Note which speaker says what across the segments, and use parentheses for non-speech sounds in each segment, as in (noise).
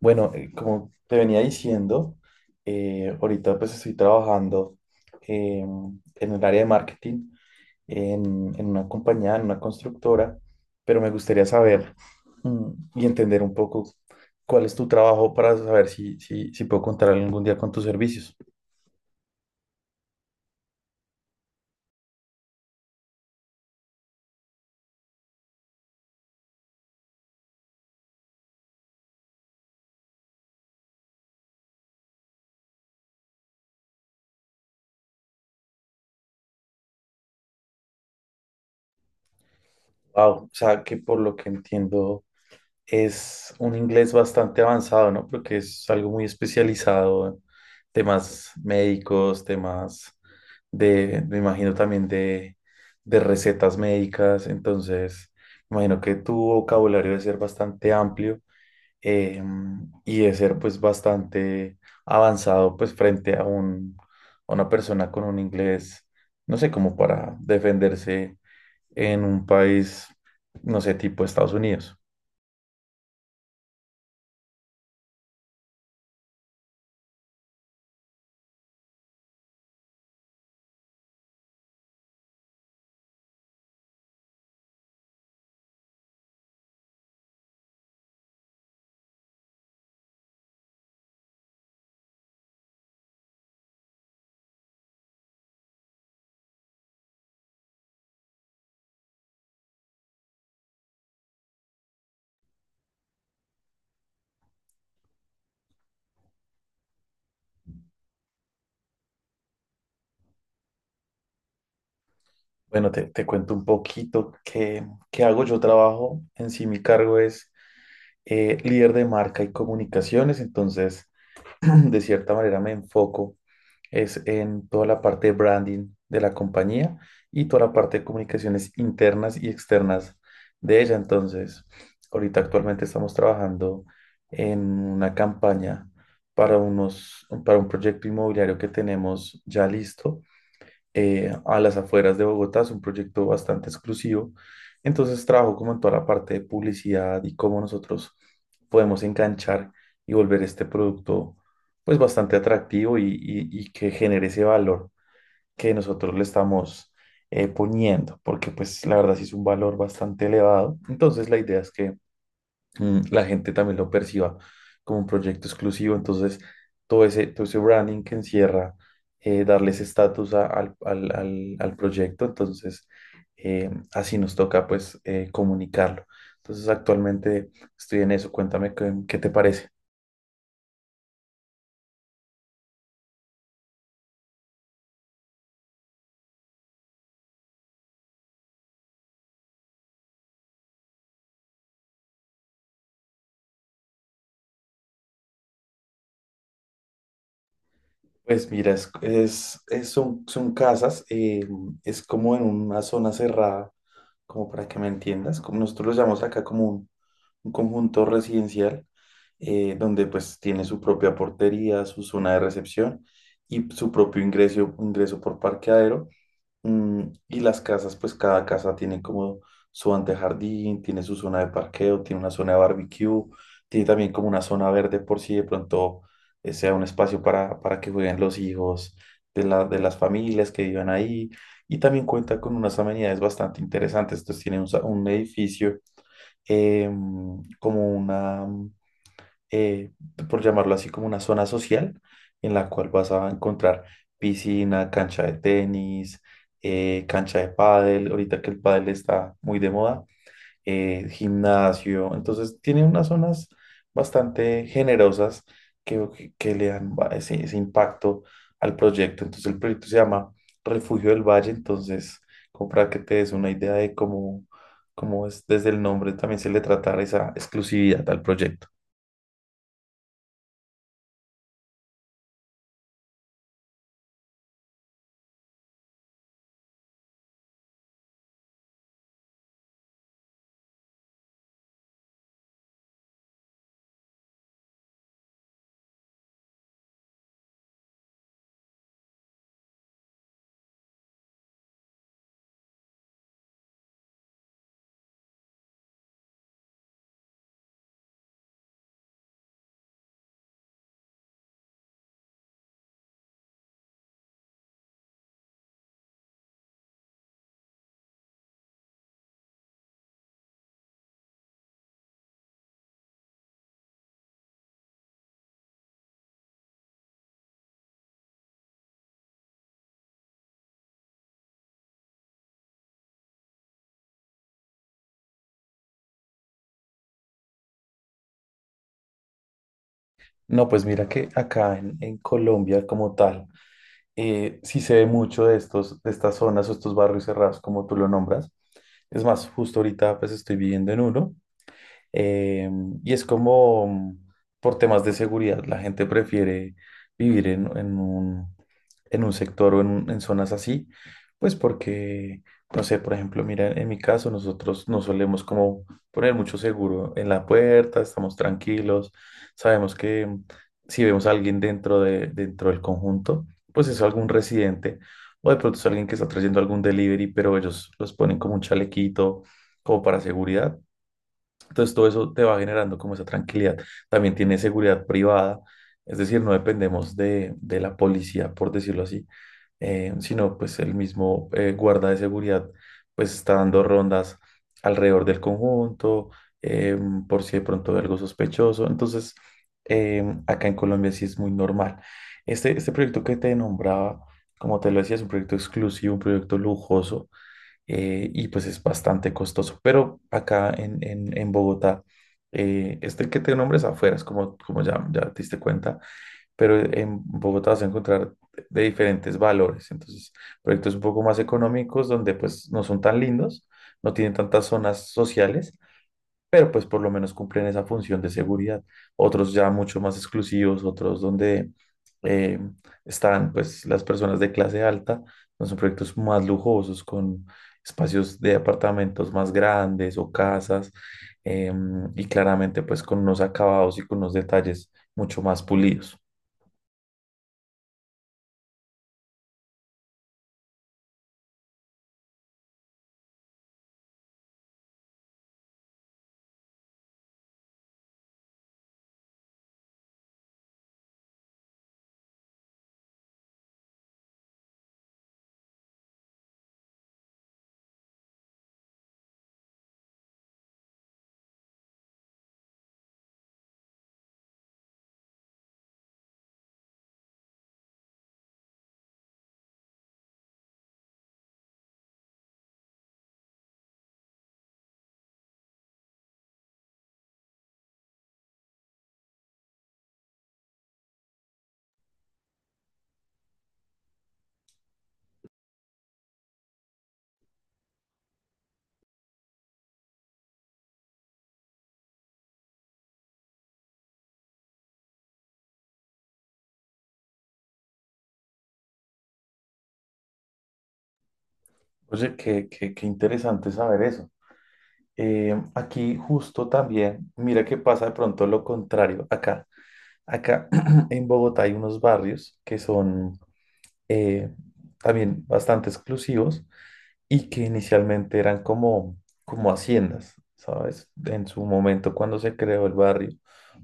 Speaker 1: Bueno, como te venía diciendo, ahorita pues estoy trabajando en el área de marketing en una compañía, en una constructora, pero me gustaría saber mm, y entender un poco cuál es tu trabajo para saber si puedo contar algún día con tus servicios. Wow, o sea que por lo que entiendo es un inglés bastante avanzado, ¿no? Porque es algo muy especializado, temas médicos, me imagino también de recetas médicas, entonces, me imagino que tu vocabulario debe ser bastante amplio, eh, y debe ser pues bastante avanzado pues frente a una persona con un inglés, no sé, como para defenderse en un país, no sé, tipo Estados Unidos. Bueno, te cuento un poquito qué hago. Yo trabajo en sí, mi cargo es líder de marca y comunicaciones, entonces (clears throat) de cierta manera me enfoco es en toda la parte de branding de la compañía y toda la parte de comunicaciones internas y externas de ella. Entonces, ahorita actualmente estamos trabajando en una campaña para un proyecto inmobiliario que tenemos ya listo a las afueras de Bogotá. Es un proyecto bastante exclusivo. Entonces trabajo como en toda la parte de publicidad y cómo nosotros podemos enganchar y volver este producto pues bastante atractivo y que genere ese valor que nosotros le estamos poniendo, porque pues la verdad sí es un valor bastante elevado. Entonces la idea es que la gente también lo perciba como un proyecto exclusivo. Entonces, todo ese branding que encierra, darle ese estatus al proyecto, entonces así nos toca pues comunicarlo. Entonces, actualmente estoy en eso. Cuéntame qué te parece. Pues mira, son casas, es como en una zona cerrada, como para que me entiendas, como nosotros lo llamamos acá como un conjunto residencial, donde pues tiene su propia portería, su zona de recepción y su propio ingreso por parqueadero. Mm, y las casas, pues cada casa tiene como su antejardín, tiene su zona de parqueo, tiene una zona de barbecue, tiene también como una zona verde por si de pronto sea un espacio para que jueguen los hijos de las familias que vivan ahí. Y también cuenta con unas amenidades bastante interesantes. Entonces tiene un edificio, eh, como una, eh, por llamarlo así, como una zona social en la cual vas a encontrar piscina, cancha de tenis, cancha de pádel, ahorita que el pádel está muy de moda, gimnasio. Entonces tiene unas zonas bastante generosas que le dan ese impacto al proyecto. Entonces el proyecto se llama Refugio del Valle. Entonces, como para que te des una idea de cómo es, desde el nombre también se le trata esa exclusividad al proyecto. No, pues mira que acá en Colombia como tal, sí se ve mucho de estos, de estas zonas o estos barrios cerrados, como tú lo nombras. Es más, justo ahorita pues estoy viviendo en uno. Eh, y es como por temas de seguridad, la gente prefiere vivir en un sector o en en zonas así, pues porque, no sé, por ejemplo, mira, en mi caso nosotros no solemos como poner mucho seguro en la puerta, estamos tranquilos, sabemos que si vemos a alguien dentro del conjunto, pues es algún residente o de pronto es alguien que está trayendo algún delivery, pero ellos los ponen como un chalequito, como para seguridad. Entonces todo eso te va generando como esa tranquilidad. También tiene seguridad privada, es decir, no dependemos de la policía, por decirlo así, sino pues el mismo guarda de seguridad pues está dando rondas alrededor del conjunto, eh, por si de pronto hay algo sospechoso. Entonces, acá en Colombia sí es muy normal. Este proyecto que te nombraba, como te lo decía, es un proyecto exclusivo, un proyecto lujoso, y pues es bastante costoso. Pero acá en Bogotá, este que te nombres afuera, es como, como ya, ya te diste cuenta, pero en Bogotá vas a encontrar de diferentes valores. Entonces, proyectos un poco más económicos donde pues no son tan lindos, no tienen tantas zonas sociales, pero pues por lo menos cumplen esa función de seguridad. Otros ya mucho más exclusivos, otros donde eh, están pues las personas de clase alta, ¿no? Son proyectos más lujosos con espacios de apartamentos más grandes o casas, em, y claramente pues con unos acabados y con unos detalles mucho más pulidos. Oye, qué interesante saber eso. Aquí justo también, mira que pasa de pronto lo contrario. Acá (clears throat) en Bogotá hay unos barrios que son eh, también bastante exclusivos y que inicialmente eran como, como haciendas, ¿sabes? En su momento cuando se creó el barrio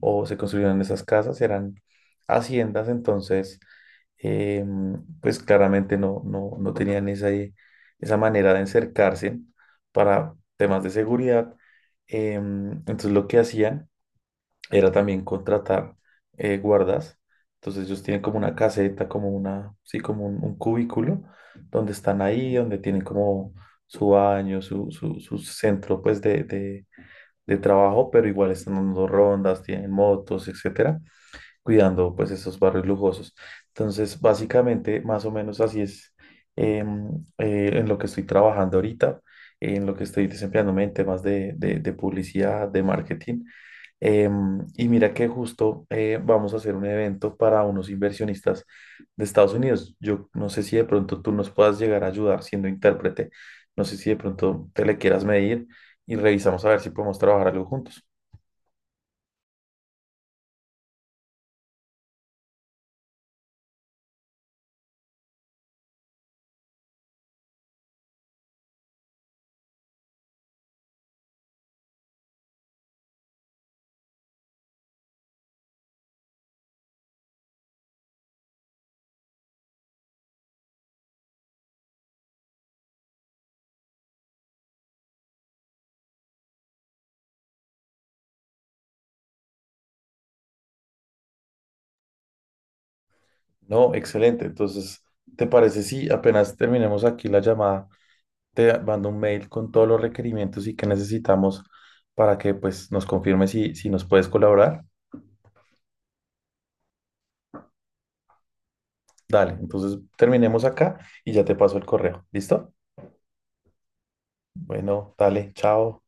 Speaker 1: o se construyeron esas casas eran haciendas, entonces, eh, pues claramente no tenían esa manera de encercarse para temas de seguridad. Entonces lo que hacían era también contratar, guardas. Entonces ellos tienen como una caseta, como una, sí, como un cubículo, donde están ahí, donde tienen como su baño, su centro pues de trabajo, pero igual están dando rondas, tienen motos, etcétera, cuidando pues esos barrios lujosos. Entonces, básicamente, más o menos así es, em, en lo que estoy trabajando ahorita, en lo que estoy desempeñándome en temas de publicidad, de marketing. Em, y mira que justo vamos a hacer un evento para unos inversionistas de Estados Unidos. Yo no sé si de pronto tú nos puedas llegar a ayudar siendo intérprete. No sé si de pronto te le quieras medir y revisamos a ver si podemos trabajar algo juntos. No, excelente. Entonces, ¿te parece si apenas terminemos aquí la llamada, te mando un mail con todos los requerimientos y que necesitamos para que pues nos confirme si nos puedes colaborar? Dale, entonces terminemos acá y ya te paso el correo. ¿Listo? Bueno, dale, chao.